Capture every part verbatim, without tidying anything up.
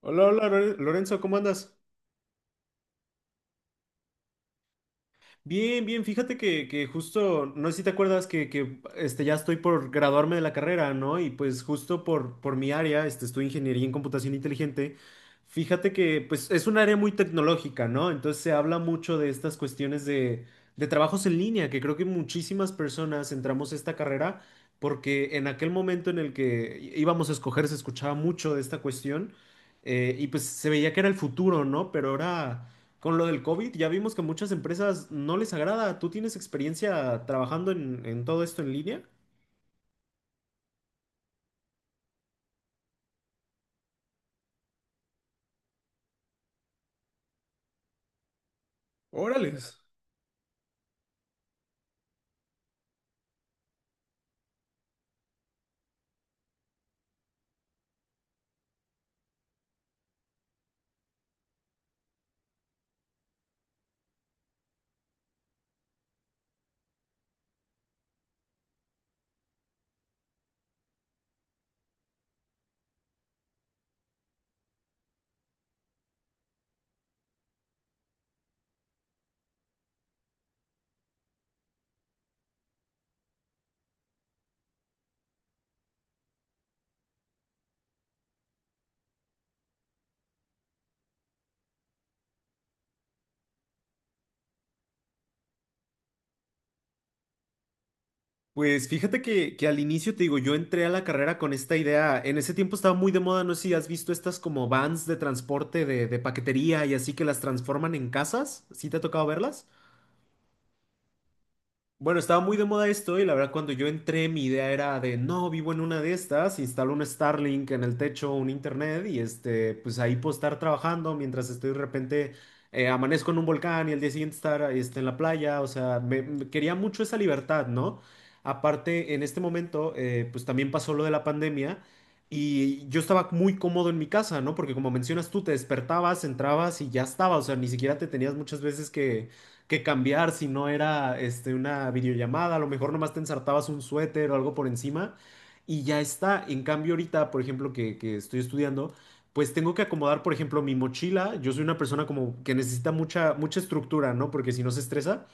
Hola, hola, Lore- Lorenzo, ¿cómo andas? Bien, bien, fíjate que, que justo, no sé si te acuerdas que, que, este, ya estoy por graduarme de la carrera, ¿no? Y pues justo por, por mi área, este, estoy ingeniería en computación inteligente, fíjate que pues es un área muy tecnológica, ¿no? Entonces se habla mucho de estas cuestiones de, de trabajos en línea, que creo que muchísimas personas entramos a esta carrera porque en aquel momento en el que í- íbamos a escoger se escuchaba mucho de esta cuestión eh, y pues se veía que era el futuro, ¿no? Pero ahora... Con lo del COVID, ya vimos que a muchas empresas no les agrada. ¿Tú tienes experiencia trabajando en, en todo esto en línea? Órales. Pues fíjate que, que al inicio te digo, yo entré a la carrera con esta idea. En ese tiempo estaba muy de moda, no sé si has visto estas como vans de transporte de, de paquetería y así que las transforman en casas. ¿Sí te ha tocado verlas? Bueno, estaba muy de moda esto y la verdad cuando yo entré mi idea era de, no, vivo en una de estas, instalo un Starlink en el techo, un internet y este, pues ahí puedo estar trabajando mientras estoy de repente, eh, amanezco en un volcán y el día siguiente estar este, en la playa, o sea, me, me quería mucho esa libertad, ¿no? Aparte, en este momento, eh, pues también pasó lo de la pandemia y yo estaba muy cómodo en mi casa, ¿no? Porque como mencionas tú, te despertabas, entrabas y ya estaba, o sea, ni siquiera te tenías muchas veces que que cambiar si no era este, una videollamada, a lo mejor nomás te ensartabas un suéter o algo por encima y ya está. En cambio ahorita, por ejemplo, que, que estoy estudiando, pues tengo que acomodar, por ejemplo, mi mochila. Yo soy una persona como que necesita mucha, mucha estructura, ¿no? Porque si no se estresa.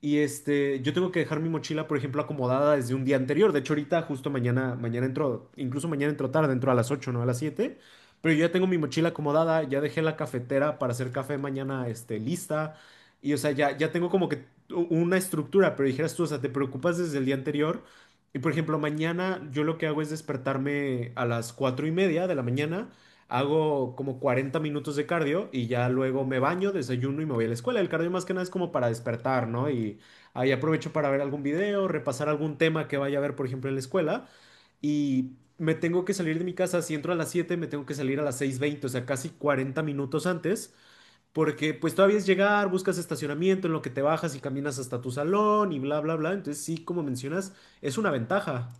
Y este, yo tengo que dejar mi mochila, por ejemplo, acomodada desde un día anterior. De hecho, ahorita justo mañana, mañana entro, incluso mañana entro tarde, entro a las ocho no a las siete. Pero yo ya tengo mi mochila acomodada, ya dejé la cafetera para hacer café mañana, este, lista. Y o sea, ya, ya tengo como que u- una estructura, pero dijeras tú, o sea, te preocupas desde el día anterior. Y por ejemplo, mañana yo lo que hago es despertarme a las cuatro y media de la mañana. Hago como cuarenta minutos de cardio y ya luego me baño, desayuno y me voy a la escuela. El cardio más que nada es como para despertar, ¿no? Y ahí aprovecho para ver algún video, repasar algún tema que vaya a ver, por ejemplo, en la escuela. Y me tengo que salir de mi casa, si entro a las siete me tengo que salir a las seis veinte, o sea, casi cuarenta minutos antes, porque pues todavía es llegar, buscas estacionamiento en lo que te bajas y caminas hasta tu salón y bla, bla, bla. Entonces sí, como mencionas, es una ventaja.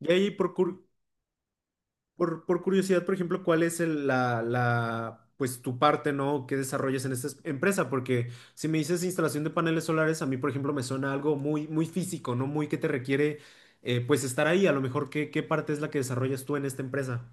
Y ahí procuro. Por, por curiosidad, por ejemplo, ¿cuál es el- la, la, pues tu parte, ¿no? ¿Qué desarrollas en esta es- empresa? Porque si me dices instalación de paneles solares, a mí, por ejemplo, me suena algo muy, muy físico, ¿no? Muy que te requiere, eh, pues, estar ahí. A lo mejor, ¿qué, qué parte es la que desarrollas tú en esta empresa?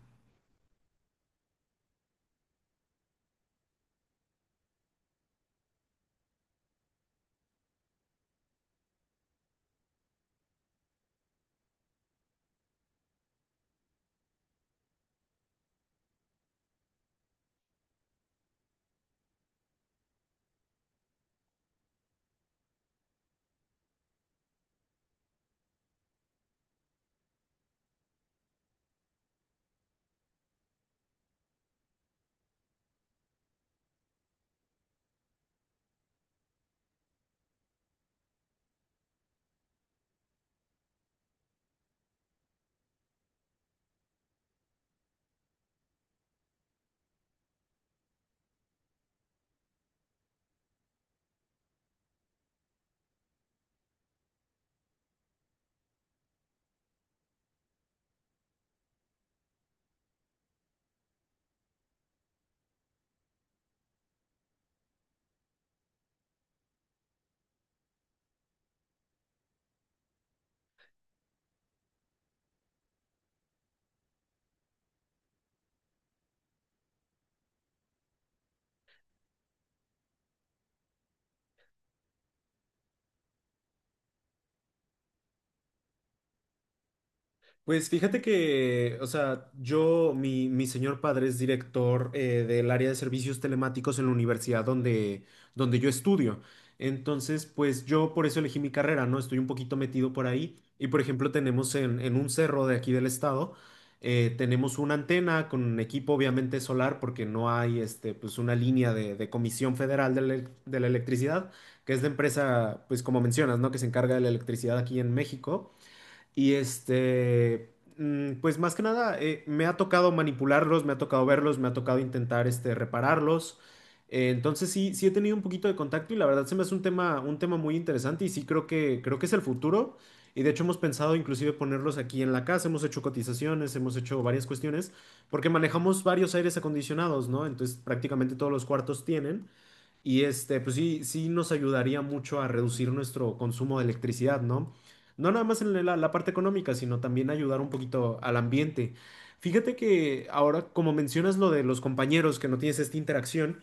Pues fíjate que, o sea, yo, mi, mi señor padre es director eh, del área de servicios telemáticos en la universidad donde, donde yo estudio. Entonces, pues yo por eso elegí mi carrera, ¿no? Estoy un poquito metido por ahí. Y por ejemplo, tenemos en, en un cerro de aquí del estado, eh, tenemos una antena con un equipo obviamente solar porque no hay, este, pues una línea de, de Comisión Federal de la, elec- de la Electricidad, que es la empresa, pues como mencionas, ¿no? Que se encarga de la electricidad aquí en México. Y este, mm, pues más que nada, eh, me ha tocado manipularlos, me ha tocado verlos, me ha tocado intentar este, repararlos. Eh, entonces sí, sí he tenido un poquito de contacto y la verdad se me hace un tema, un tema muy interesante y sí creo que, creo que es el futuro. Y de hecho hemos pensado inclusive ponerlos aquí en la casa, hemos hecho cotizaciones, hemos hecho varias cuestiones, porque manejamos varios aires acondicionados, ¿no? Entonces prácticamente todos los cuartos tienen. Y este, pues sí, sí nos ayudaría mucho a reducir nuestro consumo de electricidad, ¿no? No nada más en la, la parte económica, sino también ayudar un poquito al ambiente. Fíjate que ahora, como mencionas lo de los compañeros, que no tienes esta interacción,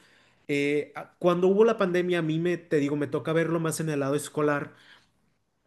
eh, a- cuando hubo la pandemia, a mí me, te digo, me toca verlo más en el lado escolar,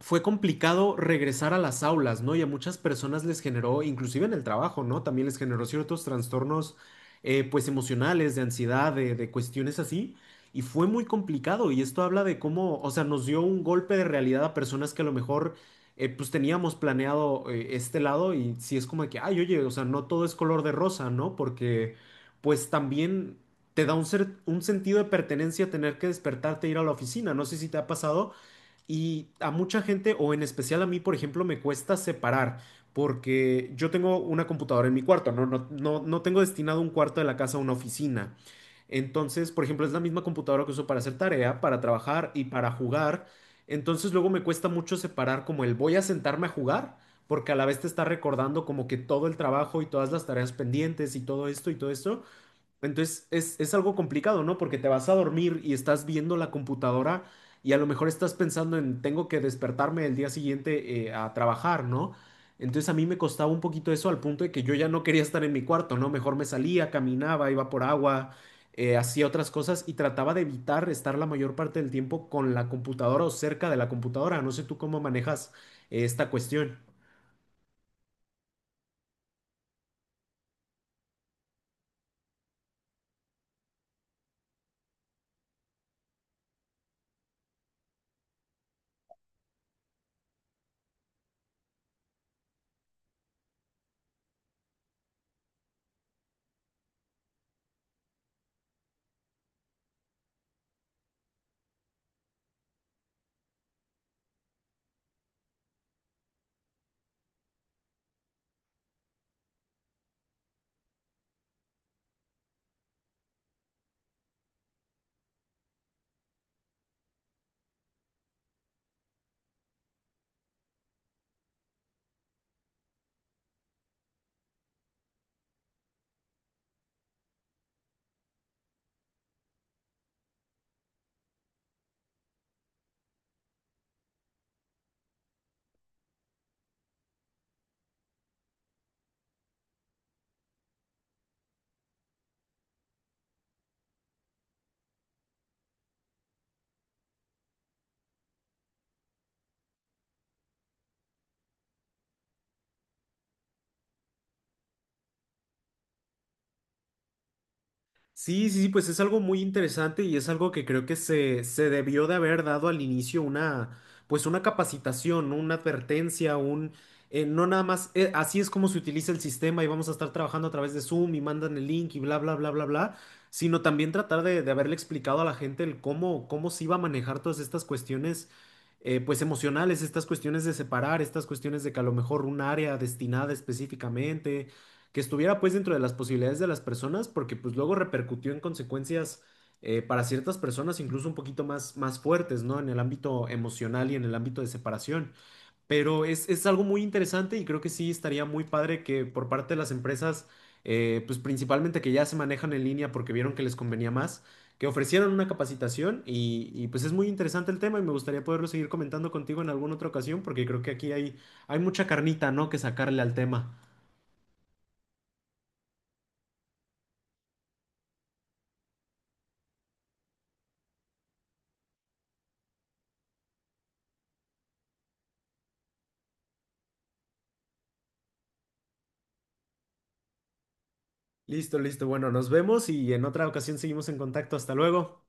fue complicado regresar a las aulas, ¿no? Y a muchas personas les generó, inclusive en el trabajo, ¿no? También les generó ciertos trastornos, eh, pues emocionales, de ansiedad, de, de cuestiones así. Y fue muy complicado. Y esto habla de cómo, o sea, nos dio un golpe de realidad a personas que a lo mejor, eh, pues teníamos planeado, eh, este lado. Y sí es como de que, ay, oye, o sea, no todo es color de rosa, ¿no? Porque, pues también te da un, ser- un sentido de pertenencia tener que despertarte e ir a la oficina. No sé si te ha pasado y a mucha gente, o en especial a mí, por ejemplo, me cuesta separar, porque yo tengo una computadora en mi cuarto, no, no, no, no tengo destinado un cuarto de la casa a una oficina. Entonces, por ejemplo, es la misma computadora que uso para hacer tarea, para trabajar y para jugar. Entonces, luego me cuesta mucho separar como el voy a sentarme a jugar, porque a la vez te está recordando como que todo el trabajo y todas las tareas pendientes y todo esto y todo esto. Entonces es, es algo complicado, ¿no? Porque te vas a dormir y estás viendo la computadora y a lo mejor estás pensando en tengo que despertarme el día siguiente eh, a trabajar, ¿no? Entonces a mí me costaba un poquito eso al punto de que yo ya no quería estar en mi cuarto, ¿no? Mejor me salía, caminaba, iba por agua, eh, hacía otras cosas y trataba de evitar estar la mayor parte del tiempo con la computadora o cerca de la computadora. No sé tú cómo manejas eh, esta cuestión. Sí, sí, sí, pues es algo muy interesante y es algo que creo que se, se debió de haber dado al inicio una, pues una capacitación, ¿no? Una advertencia, un, eh, no nada más, eh, así es como se utiliza el sistema y vamos a estar trabajando a través de Zoom y mandan el link y bla, bla, bla, bla, bla, sino también tratar de, de haberle explicado a la gente el cómo, cómo se iba a manejar todas estas cuestiones, eh, pues emocionales, estas cuestiones de separar, estas cuestiones de que a lo mejor un área destinada específicamente que estuviera pues dentro de las posibilidades de las personas, porque pues luego repercutió en consecuencias eh, para ciertas personas incluso un poquito más, más fuertes, ¿no? En el ámbito emocional y en el ámbito de separación. Pero es, es algo muy interesante y creo que sí estaría muy padre que por parte de las empresas, eh, pues principalmente que ya se manejan en línea porque vieron que les convenía más, que ofrecieran una capacitación y, y pues es muy interesante el tema y me gustaría poderlo seguir comentando contigo en alguna otra ocasión porque creo que aquí hay, hay mucha carnita, ¿no? Que sacarle al tema. Listo, listo. Bueno, nos vemos y en otra ocasión seguimos en contacto. Hasta luego.